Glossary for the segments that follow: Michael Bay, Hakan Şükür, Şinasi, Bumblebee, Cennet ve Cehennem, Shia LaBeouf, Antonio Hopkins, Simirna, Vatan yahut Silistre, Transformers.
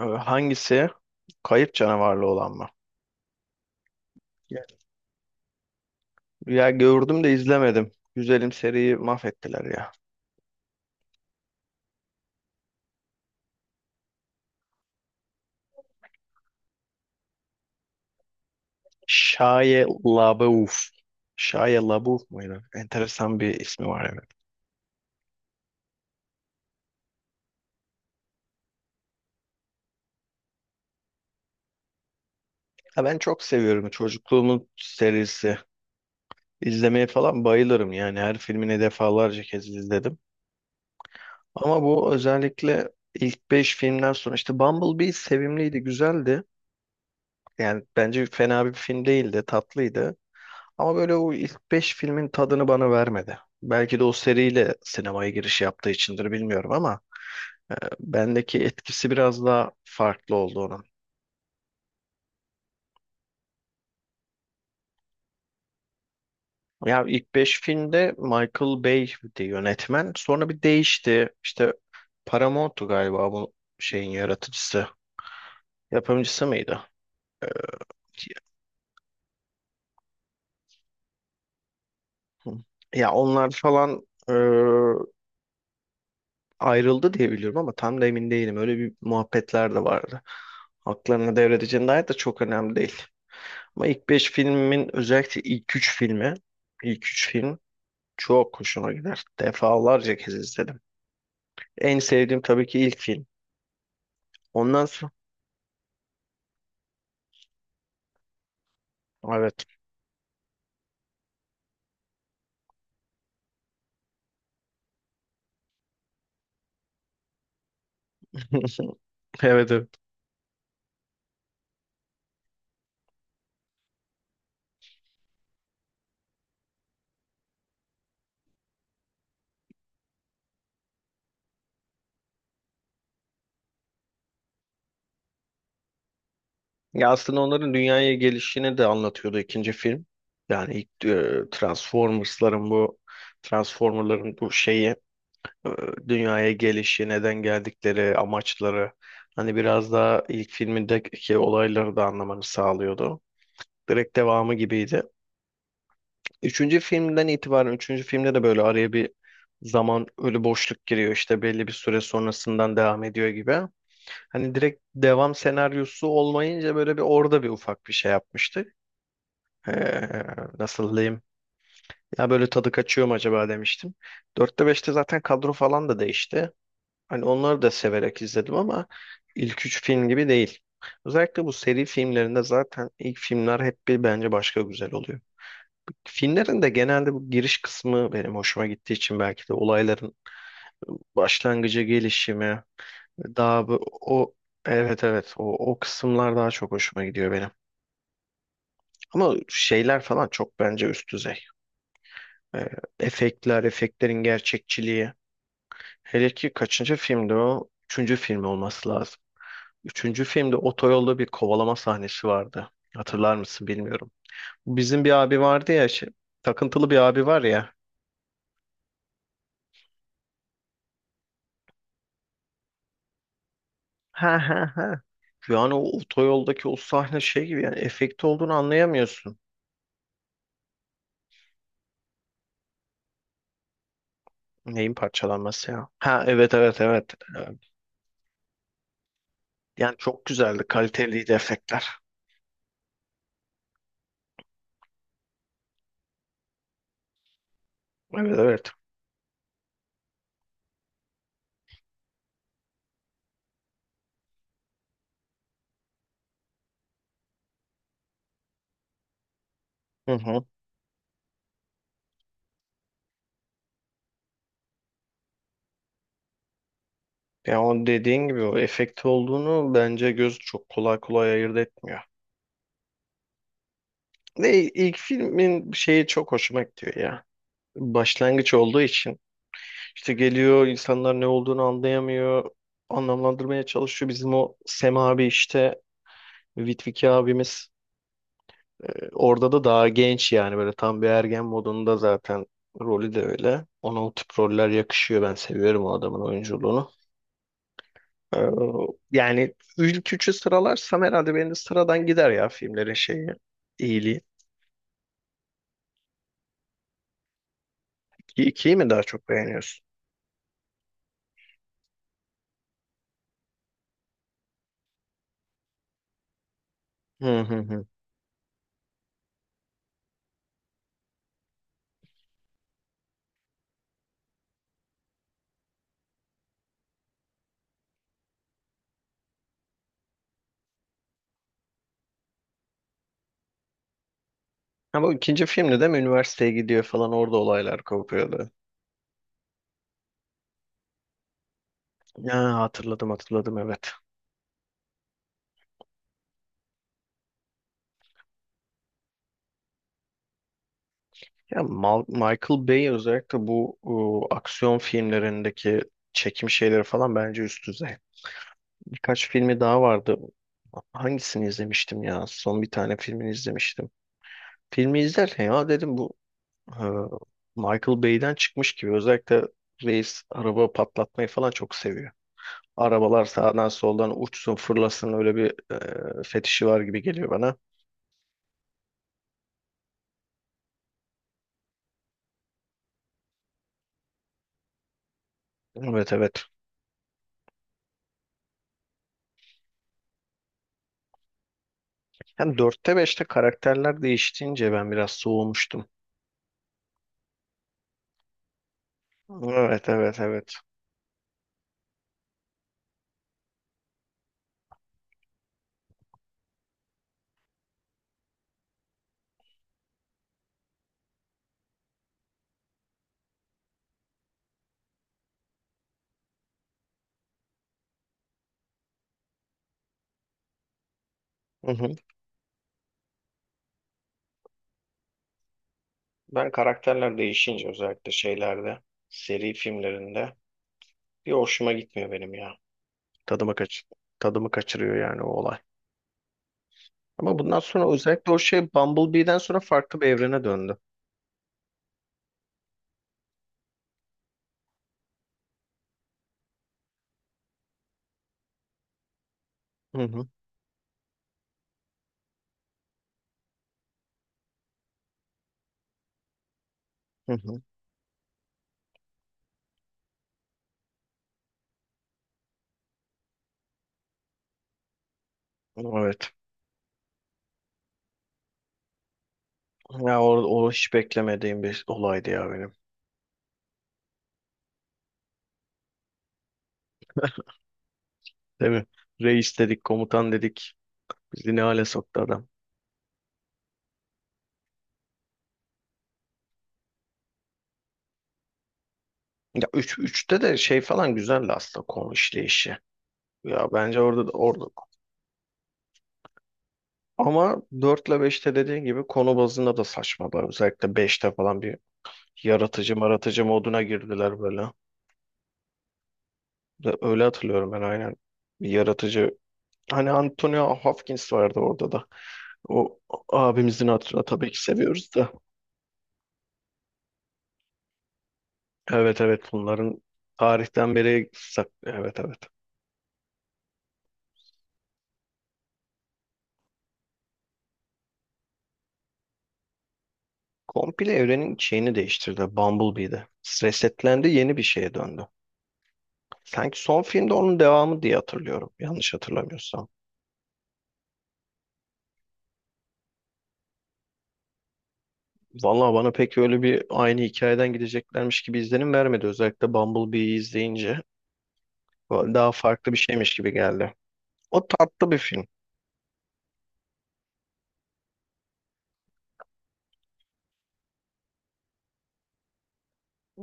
Hangisi? Kayıp canavarlı olan mı? Ya Ya gördüm de izlemedim. Güzelim seriyi mahvettiler ya. Shia LaBeouf. Shia LaBeouf muydu? Enteresan bir ismi var, evet. Ya ben çok seviyorum, çocukluğumun serisi. İzlemeye falan bayılırım, yani her filmini defalarca kez izledim. Ama bu özellikle ilk 5 filmden sonra, işte Bumblebee sevimliydi, güzeldi. Yani bence fena bir film değildi, tatlıydı. Ama böyle o ilk 5 filmin tadını bana vermedi. Belki de o seriyle sinemaya giriş yaptığı içindir, bilmiyorum ama bendeki etkisi biraz daha farklı oldu onun. Ya ilk 5 filmde Michael Bay'di yönetmen. Sonra bir değişti. İşte Paramount'tu galiba bu şeyin yaratıcısı. Yapımcısı mıydı? Ya onlar falan ayrıldı diye biliyorum ama tam da emin değilim. Öyle bir muhabbetler de vardı. Haklarını devredeceğine dair de, çok önemli değil. Ama ilk 5 filmin özellikle ilk 3 film çok hoşuma gider. Defalarca kez izledim. En sevdiğim tabii ki ilk film. Ondan sonra evet. Evet, evet. Ya aslında onların dünyaya gelişini de anlatıyordu ikinci film. Yani ilk Transformers'ların bu Transformer'ların bu şeyi, e, dünyaya gelişi, neden geldikleri, amaçları, hani biraz daha ilk filmindeki olayları da anlamanı sağlıyordu. Direkt devamı gibiydi. Üçüncü filmden itibaren, üçüncü filmde de böyle araya bir zaman, ölü boşluk giriyor, işte belli bir süre sonrasından devam ediyor gibi. Hani direkt devam senaryosu olmayınca böyle bir orada bir ufak bir şey yapmıştık. Ee, Nasıl diyeyim? Ya böyle tadı kaçıyor mu acaba demiştim. Dörtte beşte zaten kadro falan da değişti. Hani onları da severek izledim ama ilk üç film gibi değil. Özellikle bu seri filmlerinde zaten ilk filmler hep bir, bence başka güzel oluyor. Filmlerin de genelde bu giriş kısmı benim hoşuma gittiği için, belki de olayların başlangıcı, gelişimi, daha bu, o evet evet, o kısımlar daha çok hoşuma gidiyor benim. Ama şeyler falan çok bence üst düzey. Ee, efektlerin gerçekçiliği. Hele ki kaçıncı filmdi o? Üçüncü film olması lazım. Üçüncü filmde otoyolda bir kovalama sahnesi vardı. Hatırlar mısın, bilmiyorum. Bizim bir abi vardı ya, şey, takıntılı bir abi var ya. Yani o otoyoldaki o sahne şey gibi, yani efekti olduğunu anlayamıyorsun. Neyin parçalanması ya? Ha evet, evet, evet. Ee, Yani çok güzeldi. Kaliteliydi efektler. Evet, evet. Hı hı. Yani o dediğin gibi o efekti olduğunu bence göz çok kolay kolay ayırt etmiyor. Ve ilk filmin şeyi çok hoşuma gidiyor ya. Başlangıç olduğu için, işte geliyor, insanlar ne olduğunu anlayamıyor. Anlamlandırmaya çalışıyor. Bizim o Sem abi, işte Vitviki abimiz, orada da daha genç, yani böyle tam bir ergen modunda. Zaten rolü de öyle. Ona o tip roller yakışıyor. Ben seviyorum o adamın oyunculuğunu. Ee, Yani ilk üçü sıralarsam herhalde benim de sıradan gider ya filmlerin şeyi, iyiliği. İkiyi mi daha çok beğeniyorsun? Hı hı hı. Ama ikinci filmde de mi üniversiteye gidiyor falan, orada olaylar kopuyordu. Ya hatırladım, hatırladım, evet. Ya Michael Bay özellikle bu aksiyon filmlerindeki çekim şeyleri falan bence üst düzey. Birkaç filmi daha vardı. Hangisini izlemiştim ya? Son bir tane filmini izlemiştim. Filmi izlerken ya dedim, bu e, Michael Bay'den çıkmış gibi. Özellikle reis araba patlatmayı falan çok seviyor. Arabalar sağdan soldan uçsun fırlasın, öyle bir fetişi var gibi geliyor bana. Evet, evet. Yani dörtte beşte karakterler değiştiğince ben biraz soğumuştum. Evet, evet, evet. Hı hı. Ben karakterler değişince özellikle şeylerde, seri filmlerinde, bir hoşuma gitmiyor benim ya. Tadımı kaç tadımı kaçırıyor yani o olay. Ama bundan sonra özellikle o şey Bumblebee'den sonra farklı bir evrene döndü. Hı hı. Hı hı. Evet. Ya o hiç beklemediğim bir olaydı ya benim. Değil mi? Reis dedik, komutan dedik. Bizi ne hale soktu adam. Ya üçte de şey falan güzeldi aslında, konu işleyişi. Ya bence orada da orada. Ama 4 ile 5'te dediğin gibi konu bazında da saçmalar. Özellikle beşte falan bir yaratıcı maratıcı moduna girdiler böyle. Ve öyle hatırlıyorum ben, aynen. Bir yaratıcı Hani Antonio Hopkins vardı orada da. O abimizin hatırına tabii ki seviyoruz da. Evet, evet, bunların tarihten beri evet, evet. Komple evrenin şeyini değiştirdi Bumblebee'de. Resetlendi, yeni bir şeye döndü. Sanki son filmde onun devamı diye hatırlıyorum, yanlış hatırlamıyorsam. Vallahi bana pek öyle bir aynı hikayeden gideceklermiş gibi izlenim vermedi. Özellikle Bumblebee'yi izleyince daha farklı bir şeymiş gibi geldi. O tatlı bir film.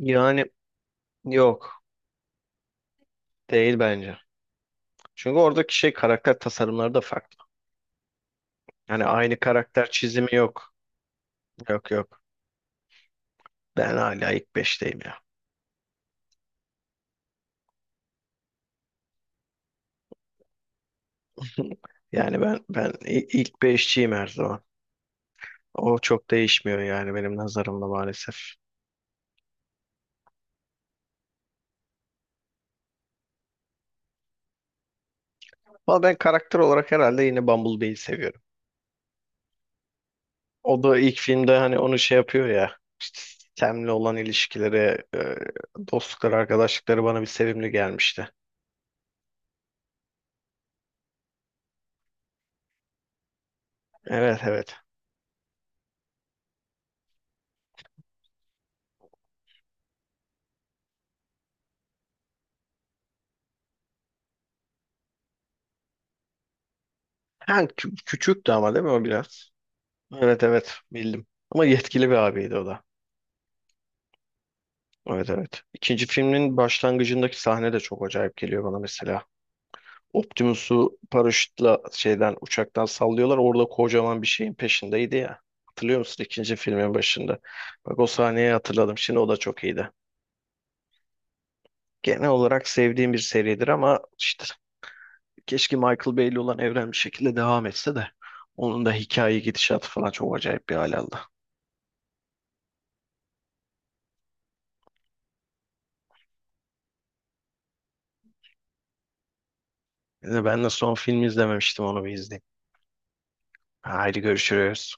Yani yok, değil bence. Çünkü oradaki şey karakter tasarımları da farklı. Yani aynı karakter çizimi yok. Yok, yok. Ben hala ilk beşteyim ya. Yani ilk 5'çiyim her zaman. O çok değişmiyor yani benim nazarımda maalesef. Ama ben karakter olarak herhalde yine Bumblebee'yi seviyorum. O da ilk filmde hani onu şey yapıyor ya, işte Sam'le olan ilişkileri, e, dostlukları, arkadaşlıkları bana bir sevimli gelmişti. Evet, evet. Ha, küçüktü ama değil mi o biraz? Evet, evet, bildim. Ama yetkili bir abiydi o da. Evet, evet. İkinci filmin başlangıcındaki sahne de çok acayip geliyor bana mesela. Optimus'u paraşütle şeyden, uçaktan sallıyorlar. Orada kocaman bir şeyin peşindeydi ya. Hatırlıyor musun ikinci filmin başında? Bak o sahneyi hatırladım. Şimdi o da çok iyiydi. Genel olarak sevdiğim bir seridir ama işte keşke Michael Bay'li olan evren bir şekilde devam etse de, onun da hikaye gidişatı falan çok acayip bir hal aldı. Bir de ben de son filmi izlememiştim, onu bir izleyeyim. Haydi görüşürüz.